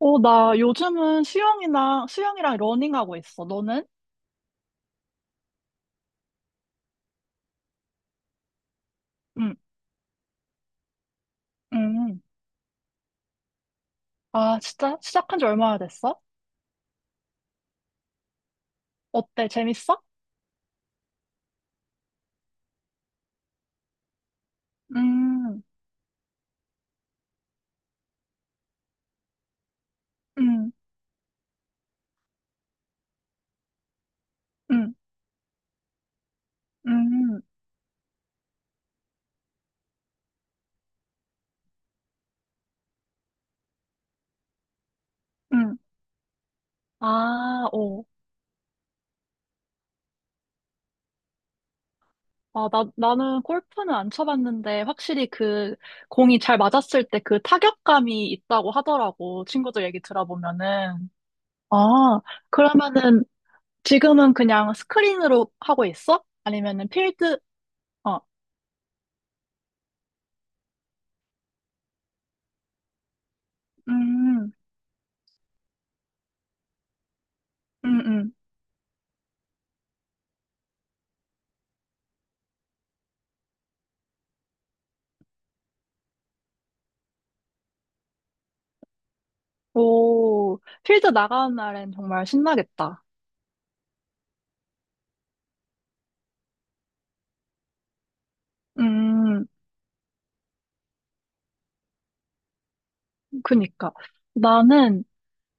어, 나 요즘은 수영이랑 러닝하고 있어. 너는? 응, 응. 아, 진짜? 시작한 지 얼마나 됐어? 어때? 재밌어? 음, 음, 음, 음, 음. 아, 오. 아, 나는 골프는 안 쳐봤는데, 확실히 그, 공이 잘 맞았을 때 그 타격감이 있다고 하더라고. 친구들 얘기 들어보면은. 아, 그러면은 지금은 그냥 스크린으로 하고 있어? 아니면은 필드? 어. 음. 음. 응. 오, 필드 나가는 날엔 정말 신나겠다. 음, 그니까. 나는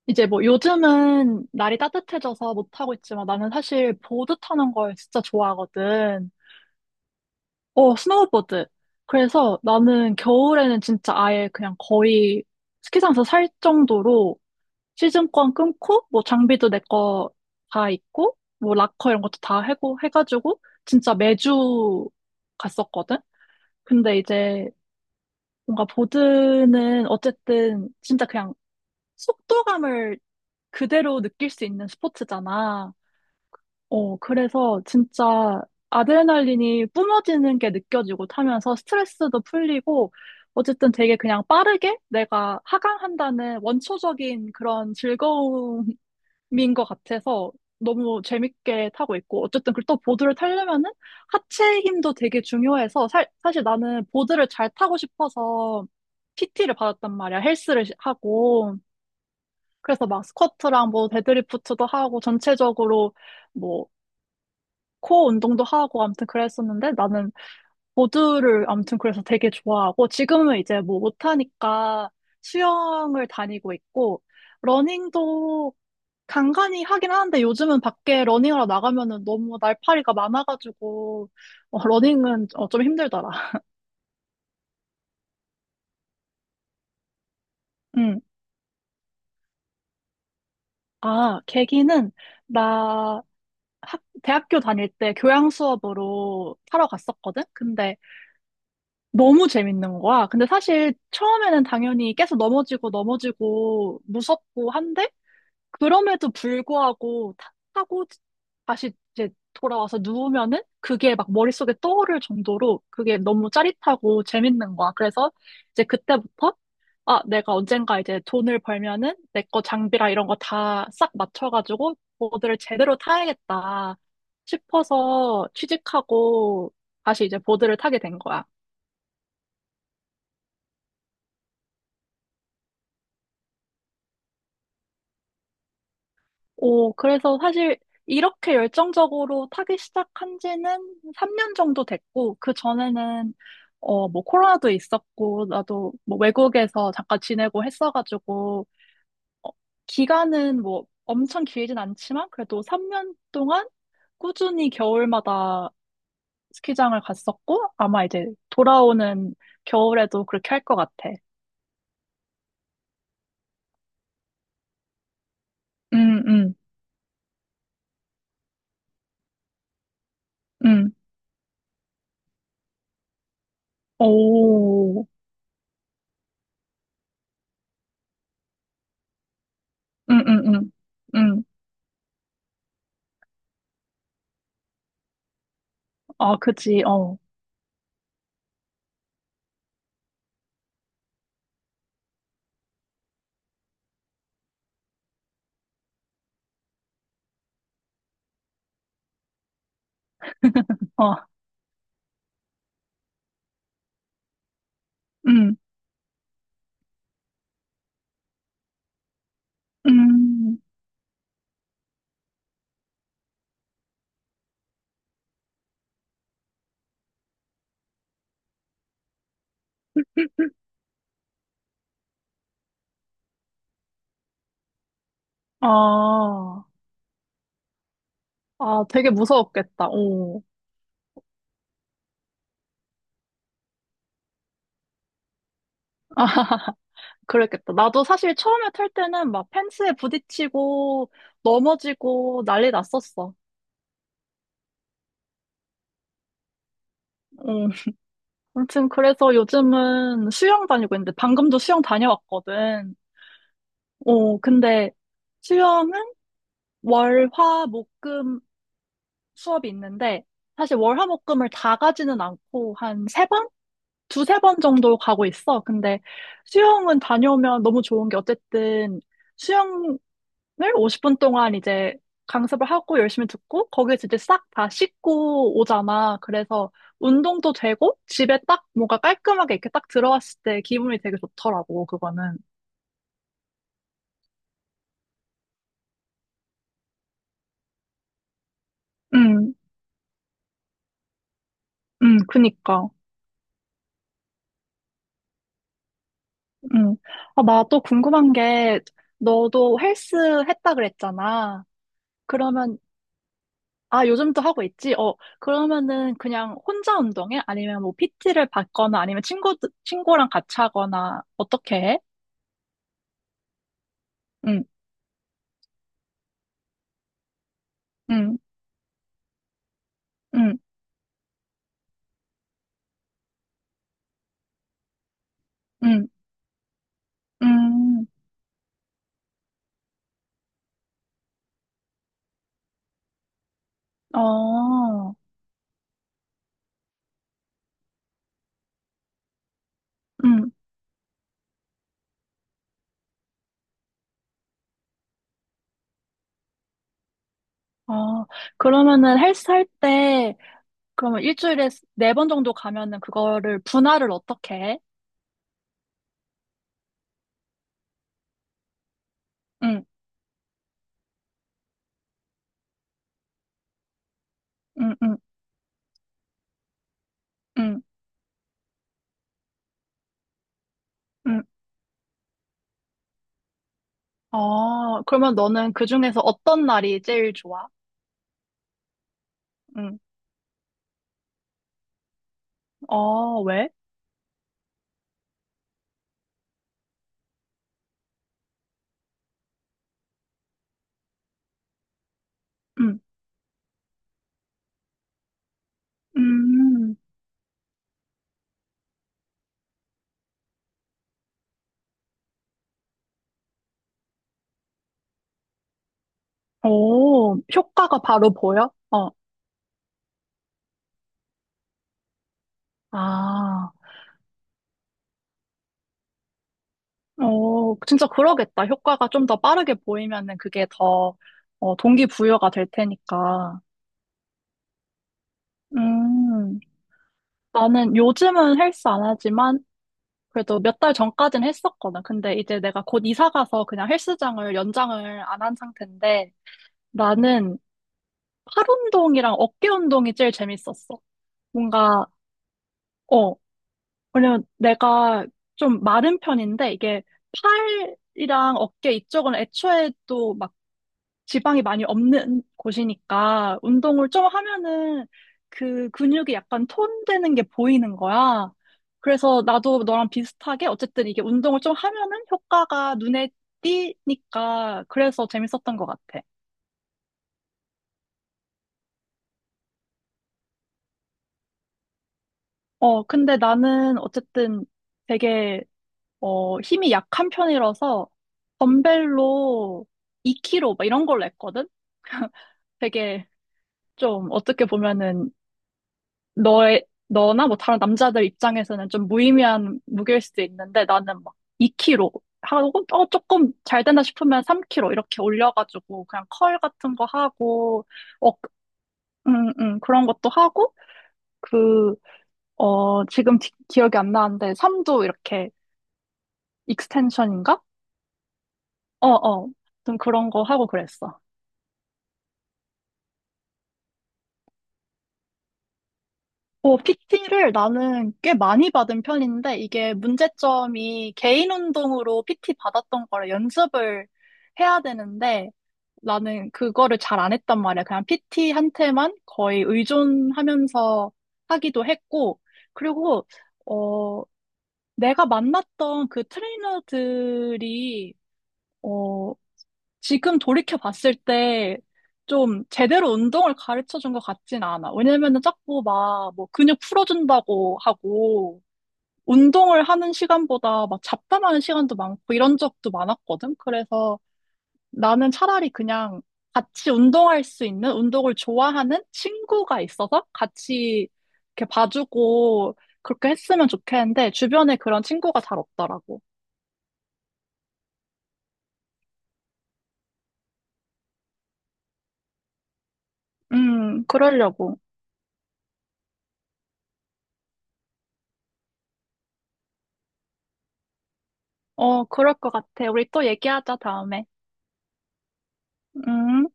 이제 뭐 요즘은 날이 따뜻해져서 못하고 있지만 나는 사실 보드 타는 걸 진짜 좋아하거든. 어, 스노우보드. 그래서 나는 겨울에는 진짜 아예 그냥 거의 스키장에서 살 정도로 시즌권 끊고 뭐 장비도 내 거 다 있고 뭐 락커 이런 것도 다 해고 해가지고 진짜 매주 갔었거든. 근데 이제 뭔가 보드는 어쨌든 진짜 그냥 속도감을 그대로 느낄 수 있는 스포츠잖아. 어, 그래서 진짜 아드레날린이 뿜어지는 게 느껴지고 타면서 스트레스도 풀리고, 어쨌든 되게 그냥 빠르게 내가 하강한다는 원초적인 그런 즐거움을 민것 같아서 너무 재밌게 타고 있고, 어쨌든 그또 보드를 타려면은 하체 힘도 되게 중요해서 사실 나는 보드를 잘 타고 싶어서 PT를 받았단 말이야. 헬스를 하고 그래서 막 스쿼트랑 뭐 데드리프트도 하고 전체적으로 뭐 코어 운동도 하고 아무튼 그랬었는데, 나는 보드를 아무튼 그래서 되게 좋아하고 지금은 이제 뭐 못하니까 수영을 다니고 있고 러닝도 간간히 하긴 하는데, 요즘은 밖에 러닝하러 나가면은 너무 날파리가 많아가지고 러닝은 좀 힘들더라. 응. 아, 계기는 나 대학교 다닐 때 교양 수업으로 타러 갔었거든? 근데 너무 재밌는 거야. 근데 사실 처음에는 당연히 계속 넘어지고 넘어지고 무섭고 한데 그럼에도 불구하고 타고 다시 이제 돌아와서 누우면은 그게 막 머릿속에 떠오를 정도로 그게 너무 짜릿하고 재밌는 거야. 그래서 이제 그때부터 아, 내가 언젠가 이제 돈을 벌면은 내 거 장비랑 이런 거 다 싹 맞춰가지고 보드를 제대로 타야겠다 싶어서 취직하고 다시 이제 보드를 타게 된 거야. 오, 그래서 사실 이렇게 열정적으로 타기 시작한 지는 3년 정도 됐고, 그 전에는, 뭐, 코로나도 있었고, 나도 뭐, 외국에서 잠깐 지내고 했어가지고, 어, 기간은 뭐, 엄청 길진 않지만, 그래도 3년 동안 꾸준히 겨울마다 스키장을 갔었고, 아마 이제 돌아오는 겨울에도 그렇게 할 것 같아. 응, 응, 응. 오, 응, 응, 응. 응. 아, 그지, 어, 어. 응. 음, 아, 아, 되게 무서웠겠다. 오. 아, 그랬겠다. 나도 사실 처음에 탈 때는 막 펜스에 부딪히고 넘어지고 난리 났었어. 응. 아무튼 그래서 요즘은 수영 다니고 있는데 방금도 수영 다녀왔거든. 근데 수영은 월, 화, 목, 금 수업이 있는데 사실 월, 화, 목, 금을 다 가지는 않고 한세번 두세 번 정도 가고 있어. 근데 수영은 다녀오면 너무 좋은 게 어쨌든 수영을 50분 동안 이제 강습을 하고 열심히 듣고 거기에서 이제 싹 다 씻고 오잖아. 그래서 운동도 되고 집에 딱 뭔가 깔끔하게 이렇게 딱 들어왔을 때 기분이 되게 좋더라고, 그거는. 응, 응, 그니까. 응. 아, 나 또 궁금한 게 너도 헬스 했다 그랬잖아. 그러면 요즘도 하고 있지? 그러면은 그냥 혼자 운동해? 아니면 뭐 PT를 받거나 아니면 친구랑 같이 하거나 어떻게 해? 응, 응, 응, 응, 응, 어, 응, 어. 그러면은 헬스 할 때, 그러면 일주일에 4번 정도 가면은 그거를 분할을 어떻게 해? 응, 응, 응, 응, 응. 그러면 너는 그중에서 어떤 날이 제일 좋아? 응, 어, 왜? 응, 음. 오, 효과가 바로 보여? 어, 아, 어, 진짜 그러겠다. 효과가 좀 더 빠르게 보이면은 그게 더, 동기부여가 될 테니까. 음, 나는 요즘은 헬스 안 하지만 그래도 몇 달 전까진 했었거든. 근데 이제 내가 곧 이사 가서 그냥 헬스장을 연장을 안 한 상태인데 나는 팔 운동이랑 어깨 운동이 제일 재밌었어. 뭔가, 어, 왜냐면 내가 좀 마른 편인데 이게 팔이랑 어깨 이쪽은 애초에 또 막 지방이 많이 없는 곳이니까 운동을 좀 하면은 그 근육이 약간 톤되는 게 보이는 거야. 그래서 나도 너랑 비슷하게 어쨌든 이게 운동을 좀 하면은 효과가 눈에 띄니까 그래서 재밌었던 것 같아. 근데 나는 어쨌든 되게 힘이 약한 편이라서 덤벨로 2kg 막 이런 걸로 했거든? 되게 좀 어떻게 보면은 너나 뭐 다른 남자들 입장에서는 좀 무의미한 무게일 수도 있는데 나는 막 2kg 하고 조금 잘 된다 싶으면 3kg 이렇게 올려가지고 그냥 컬 같은 거 하고 어, 그런 것도 하고 그, 지금 기억이 안 나는데 3도 이렇게 익스텐션인가? 어, 어. 좀 그런 거 하고 그랬어. PT를 나는 꽤 많이 받은 편인데, 이게 문제점이 개인 운동으로 PT 받았던 거를 연습을 해야 되는데, 나는 그거를 잘 안 했단 말이야. 그냥 PT한테만 거의 의존하면서 하기도 했고, 그리고, 어, 내가 만났던 그 트레이너들이, 어, 지금 돌이켜 봤을 때 좀 제대로 운동을 가르쳐 준 것 같진 않아. 왜냐면은 자꾸 막 뭐 근육 풀어준다고 하고 운동을 하는 시간보다 막 잡담하는 시간도 많고 이런 적도 많았거든. 그래서 나는 차라리 그냥 같이 운동할 수 있는 운동을 좋아하는 친구가 있어서 같이 이렇게 봐주고 그렇게 했으면 좋겠는데 주변에 그런 친구가 잘 없더라고. 그러려고. 어, 그럴 것 같아. 우리 또 얘기하자, 다음에. 음.